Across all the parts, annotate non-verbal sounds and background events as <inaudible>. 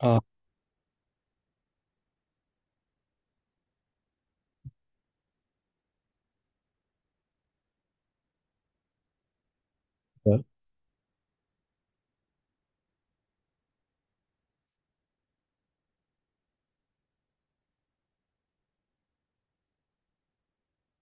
Aa, evet.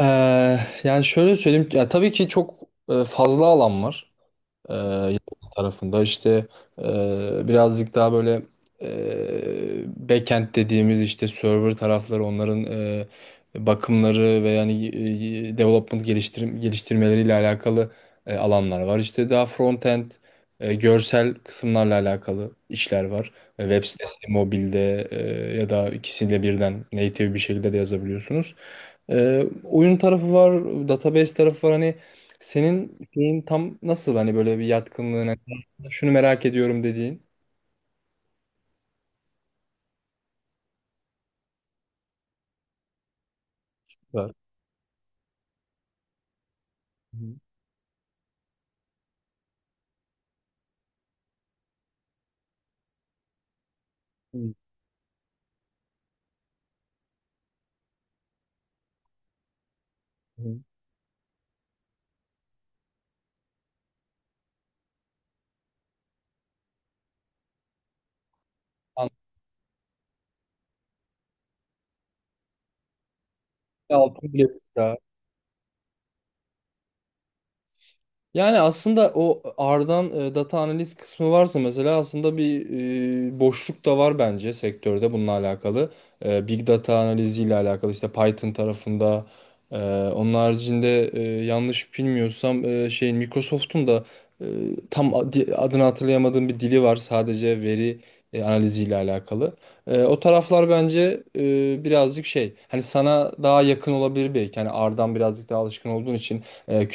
Ee, Yani şöyle söyleyeyim, ya tabii ki çok fazla alan var. Yazılım tarafında, İşte birazcık daha böyle backend dediğimiz işte server tarafları, onların bakımları ve yani development, geliştirmeleriyle alakalı alanlar var. İşte daha frontend, görsel kısımlarla alakalı işler var. Web sitesi, mobilde ya da ikisiyle birden native bir şekilde de yazabiliyorsunuz. Oyun tarafı var, database tarafı var. Hani senin şeyin tam nasıl, hani böyle bir yatkınlığın, hani şunu merak ediyorum dediğin. Var. Hı hı. Hı hı. Altın bilezikler. Yani aslında o R'dan data analiz kısmı varsa mesela, aslında bir boşluk da var bence sektörde bununla alakalı. Big data analiziyle alakalı, işte Python tarafında. E, Onun haricinde, yanlış bilmiyorsam, şeyin, Microsoft'un da e, tam adını hatırlayamadığım bir dili var, sadece veri analiziyle alakalı. O taraflar bence birazcık şey, hani sana daha yakın olabilir belki, hani R'dan birazcık daha alışkın olduğun için. e,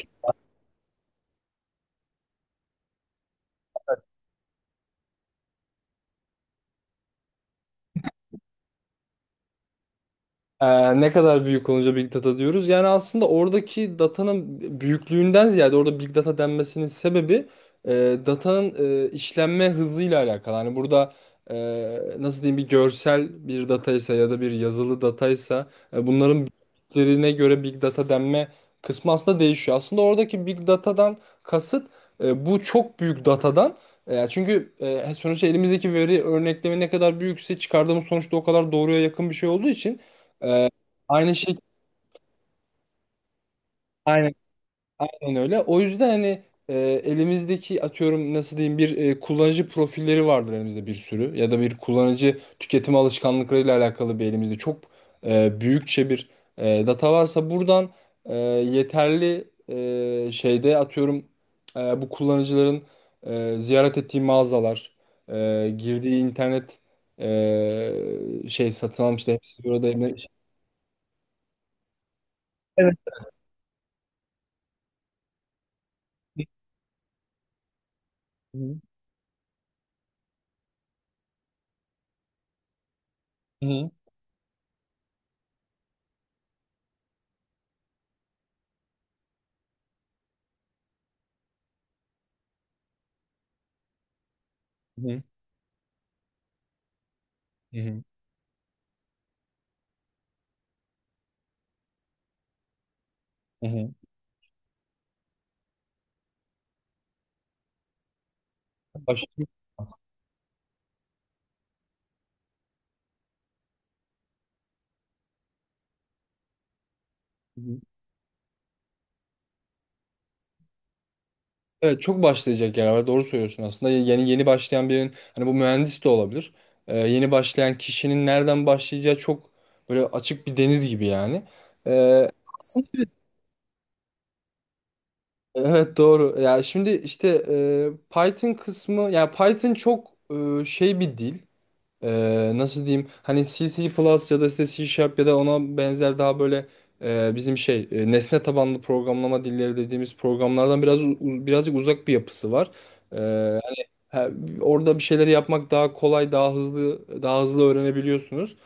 Ee, Ne kadar büyük olunca big data diyoruz? Yani aslında oradaki datanın büyüklüğünden ziyade, orada big data denmesinin sebebi datanın işlenme hızıyla alakalı. Hani burada e, nasıl diyeyim, bir görsel bir dataysa ya da bir yazılı dataysa, bunların büyüklüklerine göre big data denme kısmı aslında değişiyor. Aslında oradaki big datadan kasıt bu çok büyük datadan, çünkü sonuçta elimizdeki veri örneklemi ne kadar büyükse, çıkardığımız sonuçta o kadar doğruya yakın bir şey olduğu için. Aynı şey, aynen, aynen öyle. O yüzden hani e, elimizdeki, atıyorum, nasıl diyeyim, bir kullanıcı profilleri vardır elimizde bir sürü, ya da bir kullanıcı tüketim alışkanlıklarıyla alakalı bir, elimizde çok büyükçe bir data varsa, buradan yeterli şeyde, atıyorum bu kullanıcıların ziyaret ettiği mağazalar, girdiği internet, şey satın almıştı, hepsi burada. Hı hı. Hı hı. Hı hı. Hı hı. Başlayacak. Evet, çok başlayacak yer var. Doğru söylüyorsun aslında. Yeni yeni başlayan birinin, hani bu mühendis de olabilir, yeni başlayan kişinin nereden başlayacağı çok böyle açık bir deniz gibi yani. Ee, Aslında evet, doğru. Ya şimdi işte Python kısmı, yani Python çok şey bir dil. Nasıl diyeyim, hani C++, C Plus ya da işte C Sharp ya da ona benzer daha böyle, bizim şey, nesne tabanlı programlama dilleri dediğimiz programlardan biraz birazcık uzak bir yapısı var. Eee, hani ha, Orada bir şeyleri yapmak daha kolay, daha hızlı, daha hızlı öğrenebiliyorsunuz.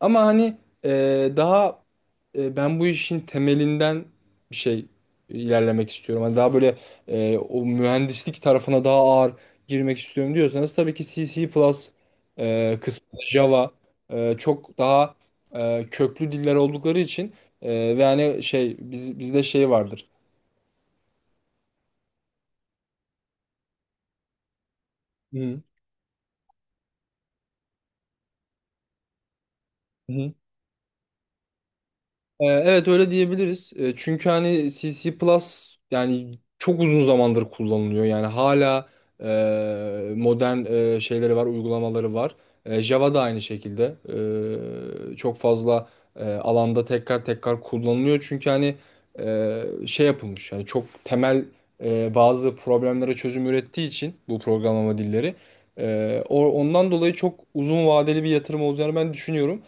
Ama hani daha ben bu işin temelinden bir şey ilerlemek istiyorum, hani daha böyle o mühendislik tarafına daha ağır girmek istiyorum diyorsanız, tabii ki CC++ kısmı, Java çok daha köklü diller oldukları için ve hani şey biz, bizde şey vardır. Hı hı. Evet, öyle diyebiliriz. Çünkü hani C++, C Plus, yani çok uzun zamandır kullanılıyor. Yani hala modern şeyleri var, uygulamaları var. Java da aynı şekilde. Çok fazla alanda tekrar tekrar kullanılıyor. Çünkü hani şey yapılmış, yani çok temel bazı problemlere çözüm ürettiği için bu programlama dilleri. Ondan dolayı çok uzun vadeli bir yatırım olacağını ben düşünüyorum.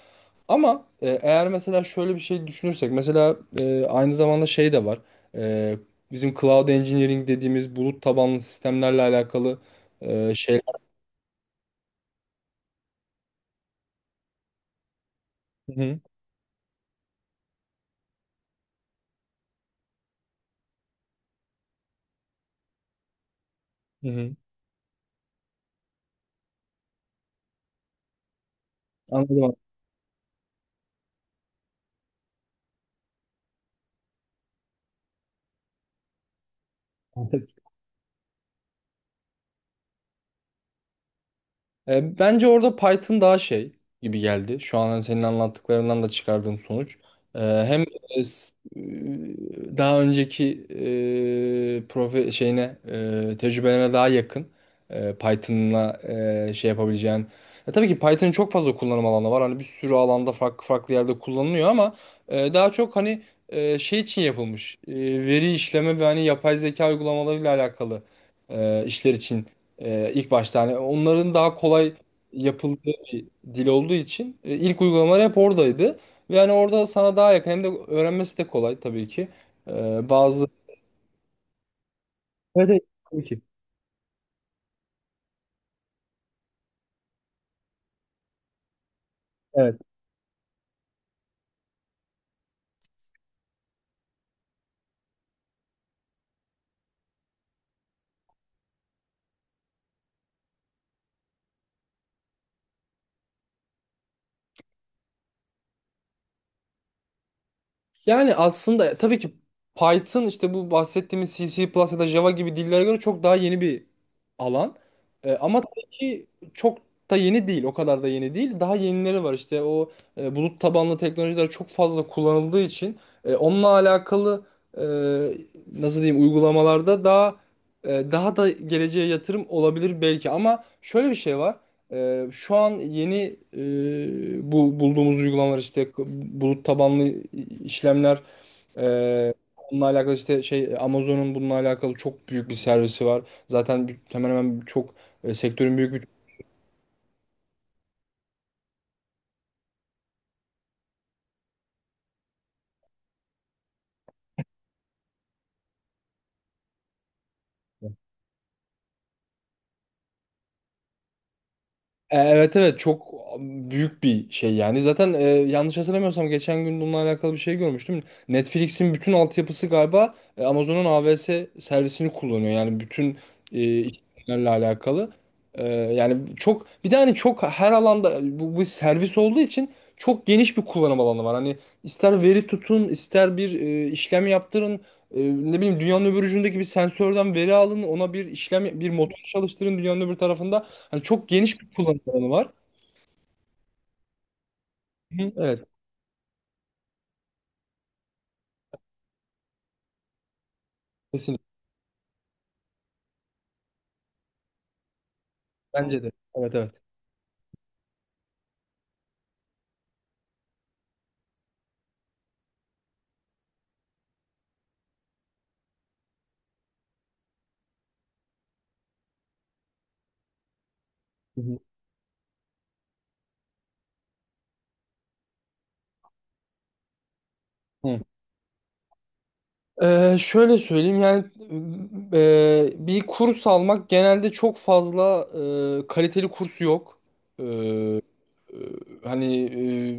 Ama eğer mesela şöyle bir şey düşünürsek, mesela aynı zamanda şey de var. E, Bizim cloud engineering dediğimiz, bulut tabanlı sistemlerle alakalı şeyler. Hı hı. Hı hı. Anladım. <laughs> Bence orada Python daha şey gibi geldi, şu an hani senin anlattıklarından da çıkardığım sonuç. Hem e, s- e, daha önceki e, profe şeyine, tecrübelerine daha yakın, Python'la şey yapabileceğin. Tabii ki Python'ın çok fazla kullanım alanı var, hani bir sürü alanda farklı farklı yerde kullanılıyor, ama daha çok hani şey için yapılmış. Veri işleme ve hani yapay zeka uygulamalarıyla alakalı işler için ilk başta, hani onların daha kolay yapıldığı bir dil olduğu için ilk uygulamalar hep oradaydı. Ve hani orada sana daha yakın, hem de öğrenmesi de kolay tabii ki. Bazı... Evet, evet, tabii ki. Evet. Yani aslında tabii ki Python, işte bu bahsettiğimiz C++, C plus ya da Java gibi dillere göre çok daha yeni bir alan. Ama tabii ki çok da yeni değil. O kadar da yeni değil. Daha yenileri var işte, o bulut tabanlı teknolojiler çok fazla kullanıldığı için onunla alakalı e, nasıl diyeyim uygulamalarda, daha daha da geleceğe yatırım olabilir belki, ama şöyle bir şey var. Şu an yeni bu bulduğumuz uygulamalar, işte bulut tabanlı işlemler, onunla alakalı, işte şey Amazon'un bununla alakalı çok büyük bir servisi var. Zaten hemen hemen çok sektörün büyük bir... Evet, evet, çok büyük bir şey yani. Zaten yanlış hatırlamıyorsam geçen gün bununla alakalı bir şey görmüştüm. Netflix'in bütün altyapısı galiba Amazon'un AWS servisini kullanıyor, yani bütün işlemlerle alakalı. Yani çok, bir de hani çok her alanda bu servis olduğu için çok geniş bir kullanım alanı var. Hani ister veri tutun, ister bir işlem yaptırın, ne bileyim, dünyanın öbür ucundaki bir sensörden veri alın, ona bir işlem, bir motor çalıştırın dünyanın öbür tarafında. Hani çok geniş bir kullanım alanı var. Hı. Hı. Evet, kesinlikle. Bence de. Evet, evet. Hı hı. Hı. Şöyle söyleyeyim, yani bir kurs almak, genelde çok fazla kaliteli kursu yok. Ee, e, Hani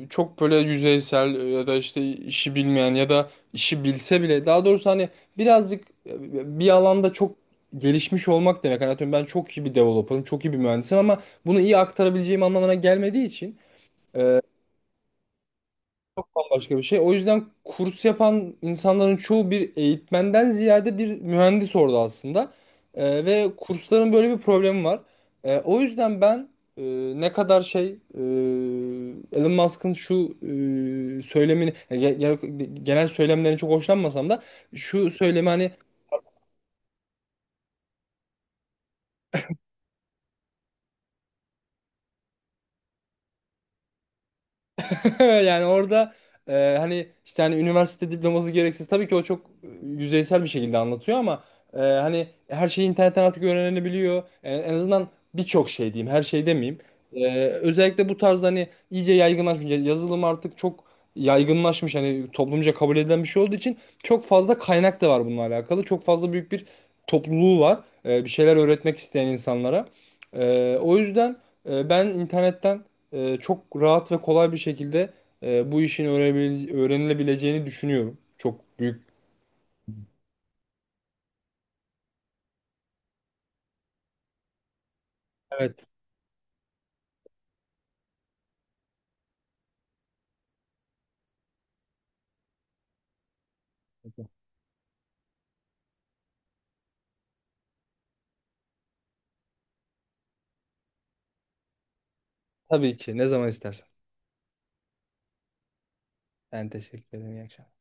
çok böyle yüzeysel, ya da işte işi bilmeyen, ya da işi bilse bile daha doğrusu hani birazcık bir alanda çok gelişmiş olmak demek, hani atıyorum ben çok iyi bir developer'ım, çok iyi bir mühendisim, ama bunu iyi aktarabileceğim anlamına gelmediği için e, bambaşka bir şey. O yüzden kurs yapan insanların çoğu bir eğitmenden ziyade bir mühendis orada aslında. Ve kursların böyle bir problemi var. O yüzden ben e, ne kadar şey, Elon Musk'ın şu e, söylemini, yani genel söylemlerini çok hoşlanmasam da şu söylemi, hani... <laughs> Yani orada hani işte hani üniversite diploması gereksiz. Tabii ki o çok yüzeysel bir şekilde anlatıyor, ama hani her şeyi internetten artık öğrenilebiliyor. En azından birçok şey diyeyim, her şey demeyeyim. Özellikle bu tarz hani iyice yaygınlaşmış. Yani yazılım artık çok yaygınlaşmış, hani toplumca kabul edilen bir şey olduğu için çok fazla kaynak da var bununla alakalı. Çok fazla büyük bir topluluğu var, bir şeyler öğretmek isteyen insanlara. O yüzden ben internetten çok rahat ve kolay bir şekilde bu işin öğrenilebileceğini düşünüyorum. Çok büyük. Evet. Tabii ki. Ne zaman istersen. Ben teşekkür ederim. İyi akşamlar.